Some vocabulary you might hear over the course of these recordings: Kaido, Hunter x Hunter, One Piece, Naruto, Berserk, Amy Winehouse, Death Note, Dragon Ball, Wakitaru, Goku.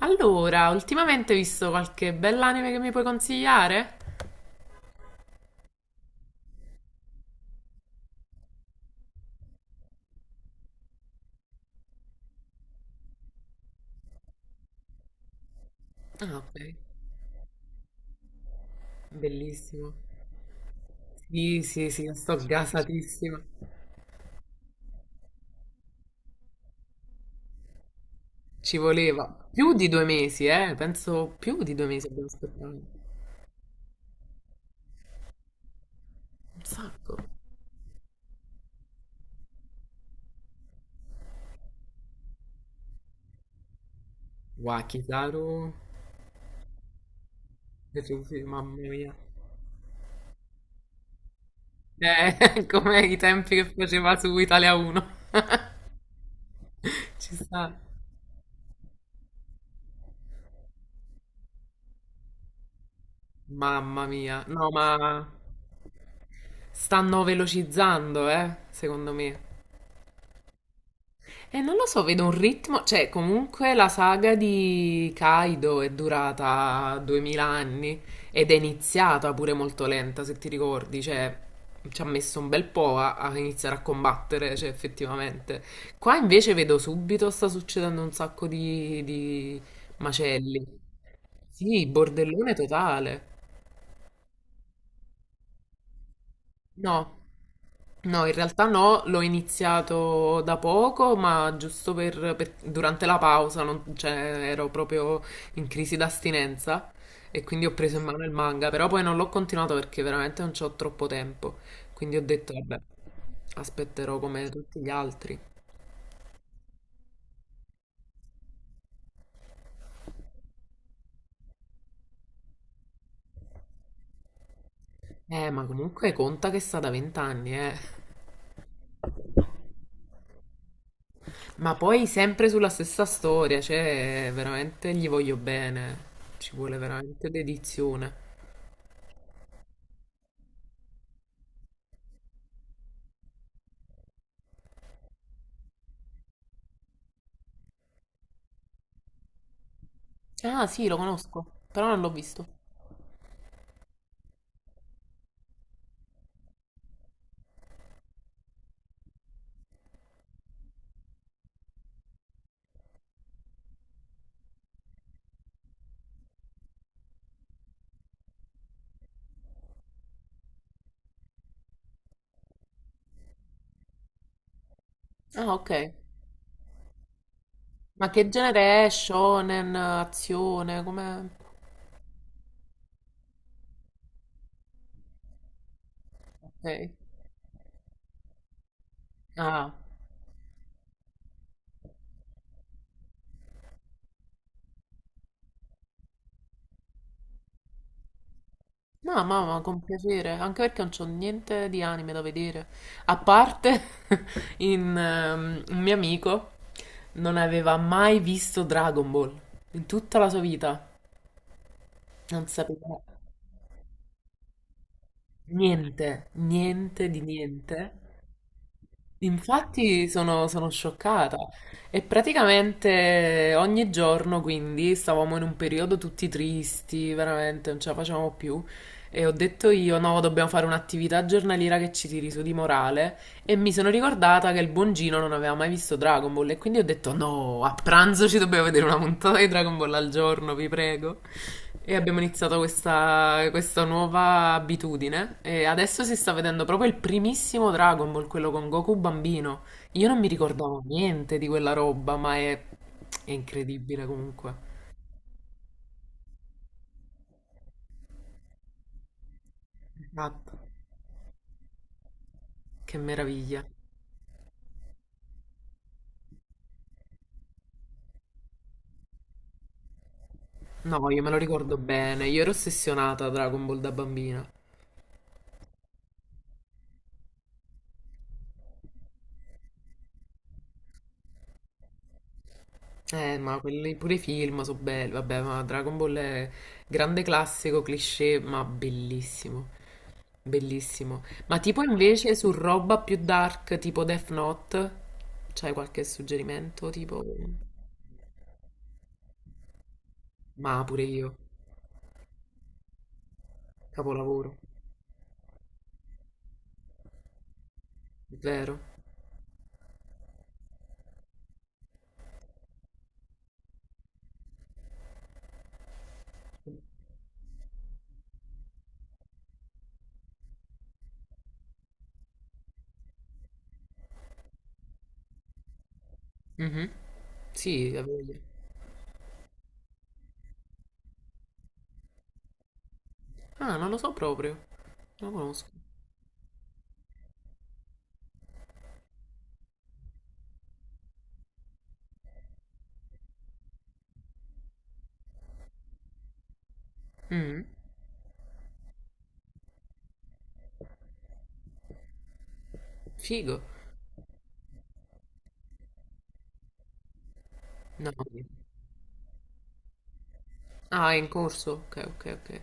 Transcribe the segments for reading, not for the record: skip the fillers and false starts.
Allora, ultimamente hai visto qualche bell'anime che mi puoi consigliare? Ah, ok, bellissimo. Sì, sì, sì, sto gasatissima. Ci voleva più di due mesi, eh? Penso più di due mesi abbiamo aspettato. Un sacco. Wakitaru. Sì, sì, mamma mia. Eh, come i tempi che faceva su Italia 1. Ci sta. Mamma mia. No, ma stanno velocizzando, eh? Secondo me. E non lo so, vedo un ritmo, cioè comunque la saga di Kaido è durata 2000 anni ed è iniziata pure molto lenta, se ti ricordi, cioè ci ha messo un bel po' a iniziare a combattere, cioè effettivamente. Qua invece vedo subito sta succedendo un sacco di macelli. Sì, bordellone totale. No, no, in realtà no, l'ho iniziato da poco, ma giusto durante la pausa, cioè, ero proprio in crisi d'astinenza e quindi ho preso in mano il manga, però poi non l'ho continuato perché veramente non c'ho troppo tempo, quindi ho detto, vabbè, aspetterò come tutti gli altri. Ma comunque conta che sta da vent'anni, eh. Ma poi sempre sulla stessa storia, cioè, veramente gli voglio bene, ci vuole veramente dedizione. Ah, sì, lo conosco, però non l'ho visto. Ah, ok. Ma che genere è? Shonen, azione, com'è? Ok. Ah. No, mamma, con piacere, anche perché non c'ho niente di anime da vedere. A parte un mio amico non aveva mai visto Dragon Ball in tutta la sua vita. Non sapeva niente, niente di niente. Infatti sono scioccata. E praticamente ogni giorno, quindi, stavamo in un periodo tutti tristi, veramente non ce la facevamo più. E ho detto io, no, dobbiamo fare un'attività giornaliera che ci tiri su di morale. E mi sono ricordata che il buon Gino non aveva mai visto Dragon Ball. E quindi ho detto, no, a pranzo ci dobbiamo vedere una puntata di Dragon Ball al giorno, vi prego. E abbiamo iniziato questa nuova abitudine e adesso si sta vedendo proprio il primissimo Dragon Ball, quello con Goku bambino. Io non mi ricordavo niente di quella roba, ma è incredibile comunque. Esatto. Che meraviglia. No, io me lo ricordo bene, io ero ossessionata a Dragon Ball da bambina. Ma quelli pure i film sono belli, vabbè, ma Dragon Ball è grande classico, cliché, ma bellissimo, bellissimo. Ma tipo invece su roba più dark, tipo Death Note, c'hai qualche suggerimento? Tipo... Ma pure io, capolavoro, vero? Mhm. Sì, la voglia. Ah, non lo so proprio, non lo conosco. Mhm. Figo. No. Ah, è in corso? Ok, ok, ok.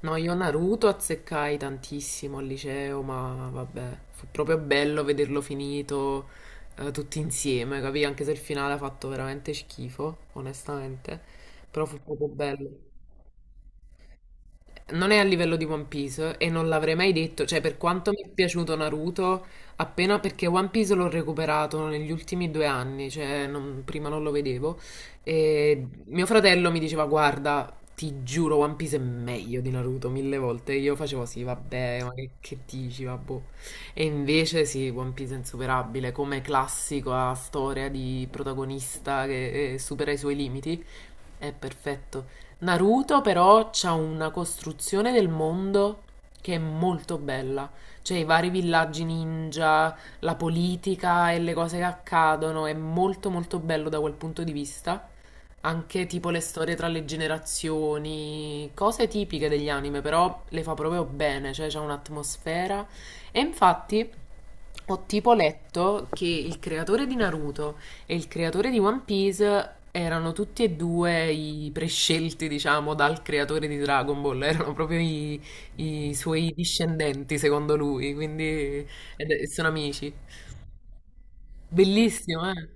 No, io Naruto azzeccai tantissimo al liceo, ma vabbè, fu proprio bello vederlo finito, tutti insieme, capì? Anche se il finale ha fatto veramente schifo, onestamente, però fu proprio bello. Non è a livello di One Piece e non l'avrei mai detto, cioè per quanto mi è piaciuto Naruto, appena perché One Piece l'ho recuperato negli ultimi due anni, cioè prima non lo vedevo, e mio fratello mi diceva guarda, ti giuro One Piece è meglio di Naruto mille volte, e io facevo sì, vabbè, ma che dici, vabbè. E invece sì, One Piece è insuperabile, come classico, ha storia di protagonista che supera i suoi limiti. È perfetto. Naruto però c'ha una costruzione del mondo che è molto bella, cioè i vari villaggi ninja, la politica e le cose che accadono, è molto molto bello da quel punto di vista. Anche tipo le storie tra le generazioni, cose tipiche degli anime, però le fa proprio bene, cioè c'è un'atmosfera. E infatti ho tipo letto che il creatore di Naruto e il creatore di One Piece erano tutti e due i prescelti, diciamo, dal creatore di Dragon Ball, erano proprio i, suoi discendenti, secondo lui, quindi sono amici. Bellissimo, eh?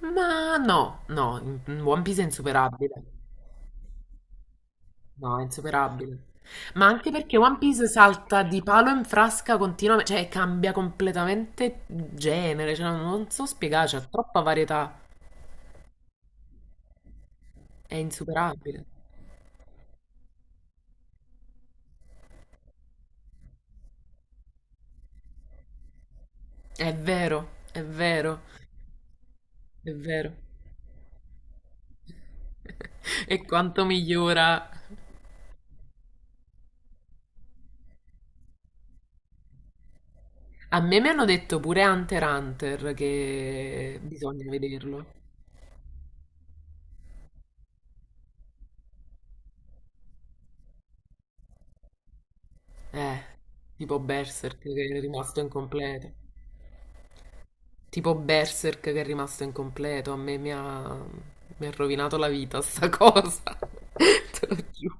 Ma no, no, One Piece è insuperabile. No, è insuperabile. Ma anche perché One Piece salta di palo in frasca continuamente, cioè cambia completamente genere, cioè, non so spiegare, c'è troppa varietà, è insuperabile. È vero, è vero, è vero. E quanto migliora. A me mi hanno detto pure Hunter x Hunter che bisogna vederlo. Eh, tipo Berserk che è rimasto incompleto. Tipo Berserk che è rimasto incompleto, a me mi ha rovinato la vita sta cosa, te lo giuro.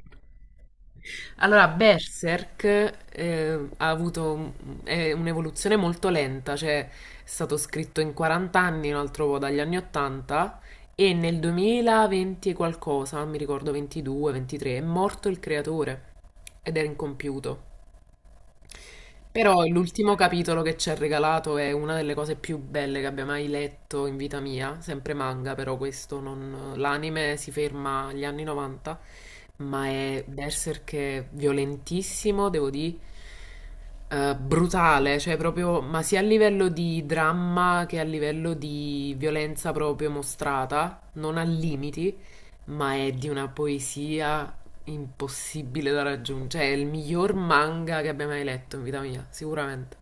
Allora, Berserk, eh, ha avuto un- è un'evoluzione molto lenta, cioè è stato scritto in 40 anni, un altro po' dagli anni 80 e nel 2020 e qualcosa, mi ricordo 22, 23, è morto il creatore ed era incompiuto. Però l'ultimo capitolo che ci ha regalato è una delle cose più belle che abbia mai letto in vita mia, sempre manga però questo, non l'anime si ferma agli anni 90, ma è Berserk è violentissimo, devo dire, brutale, cioè proprio, ma sia a livello di dramma che a livello di violenza proprio mostrata, non ha limiti, ma è di una poesia impossibile da raggiungere. Cioè, è il miglior manga che abbia mai letto in vita mia, sicuramente.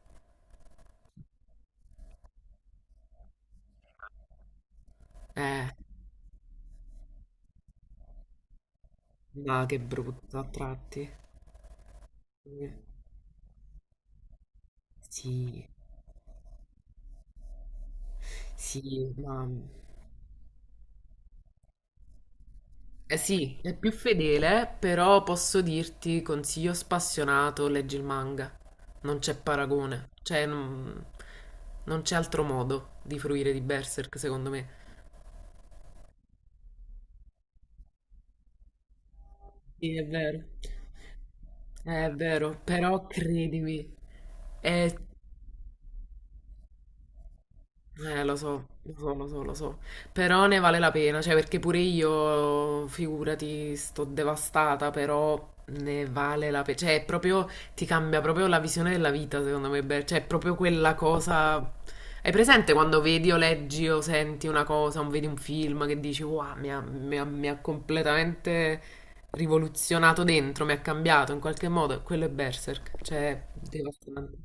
Eh, ma che brutto a tratti. Sì, sì, ma... Eh sì, è più fedele, però posso dirti, consiglio spassionato, leggi il manga. Non c'è paragone. Cioè, non c'è altro modo di fruire di Berserk, secondo me. Sì, è vero. È vero, però credimi, Eh, lo so, lo so, lo so, lo so. Però ne vale la pena, cioè perché pure io, figurati, sto devastata, però ne vale la pena. Cioè, è proprio, ti cambia proprio la visione della vita, secondo me. Cioè, è proprio quella cosa... Hai presente quando vedi o leggi o senti una cosa, o vedi un film che dici, wow, mi ha completamente rivoluzionato dentro, mi ha cambiato in qualche modo? Quello è Berserk, cioè, devastante.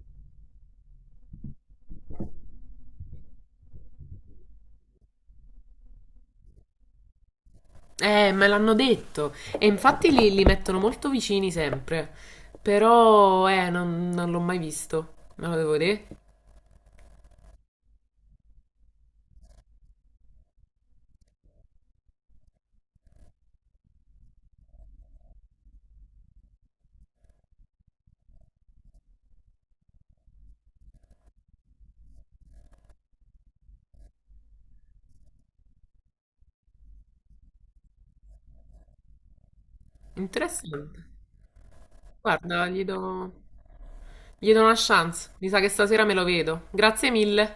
Me l'hanno detto. E infatti li mettono molto vicini sempre. Però, non l'ho mai visto. Me lo devo vedere. Interessante. Guarda, gli do una chance. Mi sa che stasera me lo vedo. Grazie mille.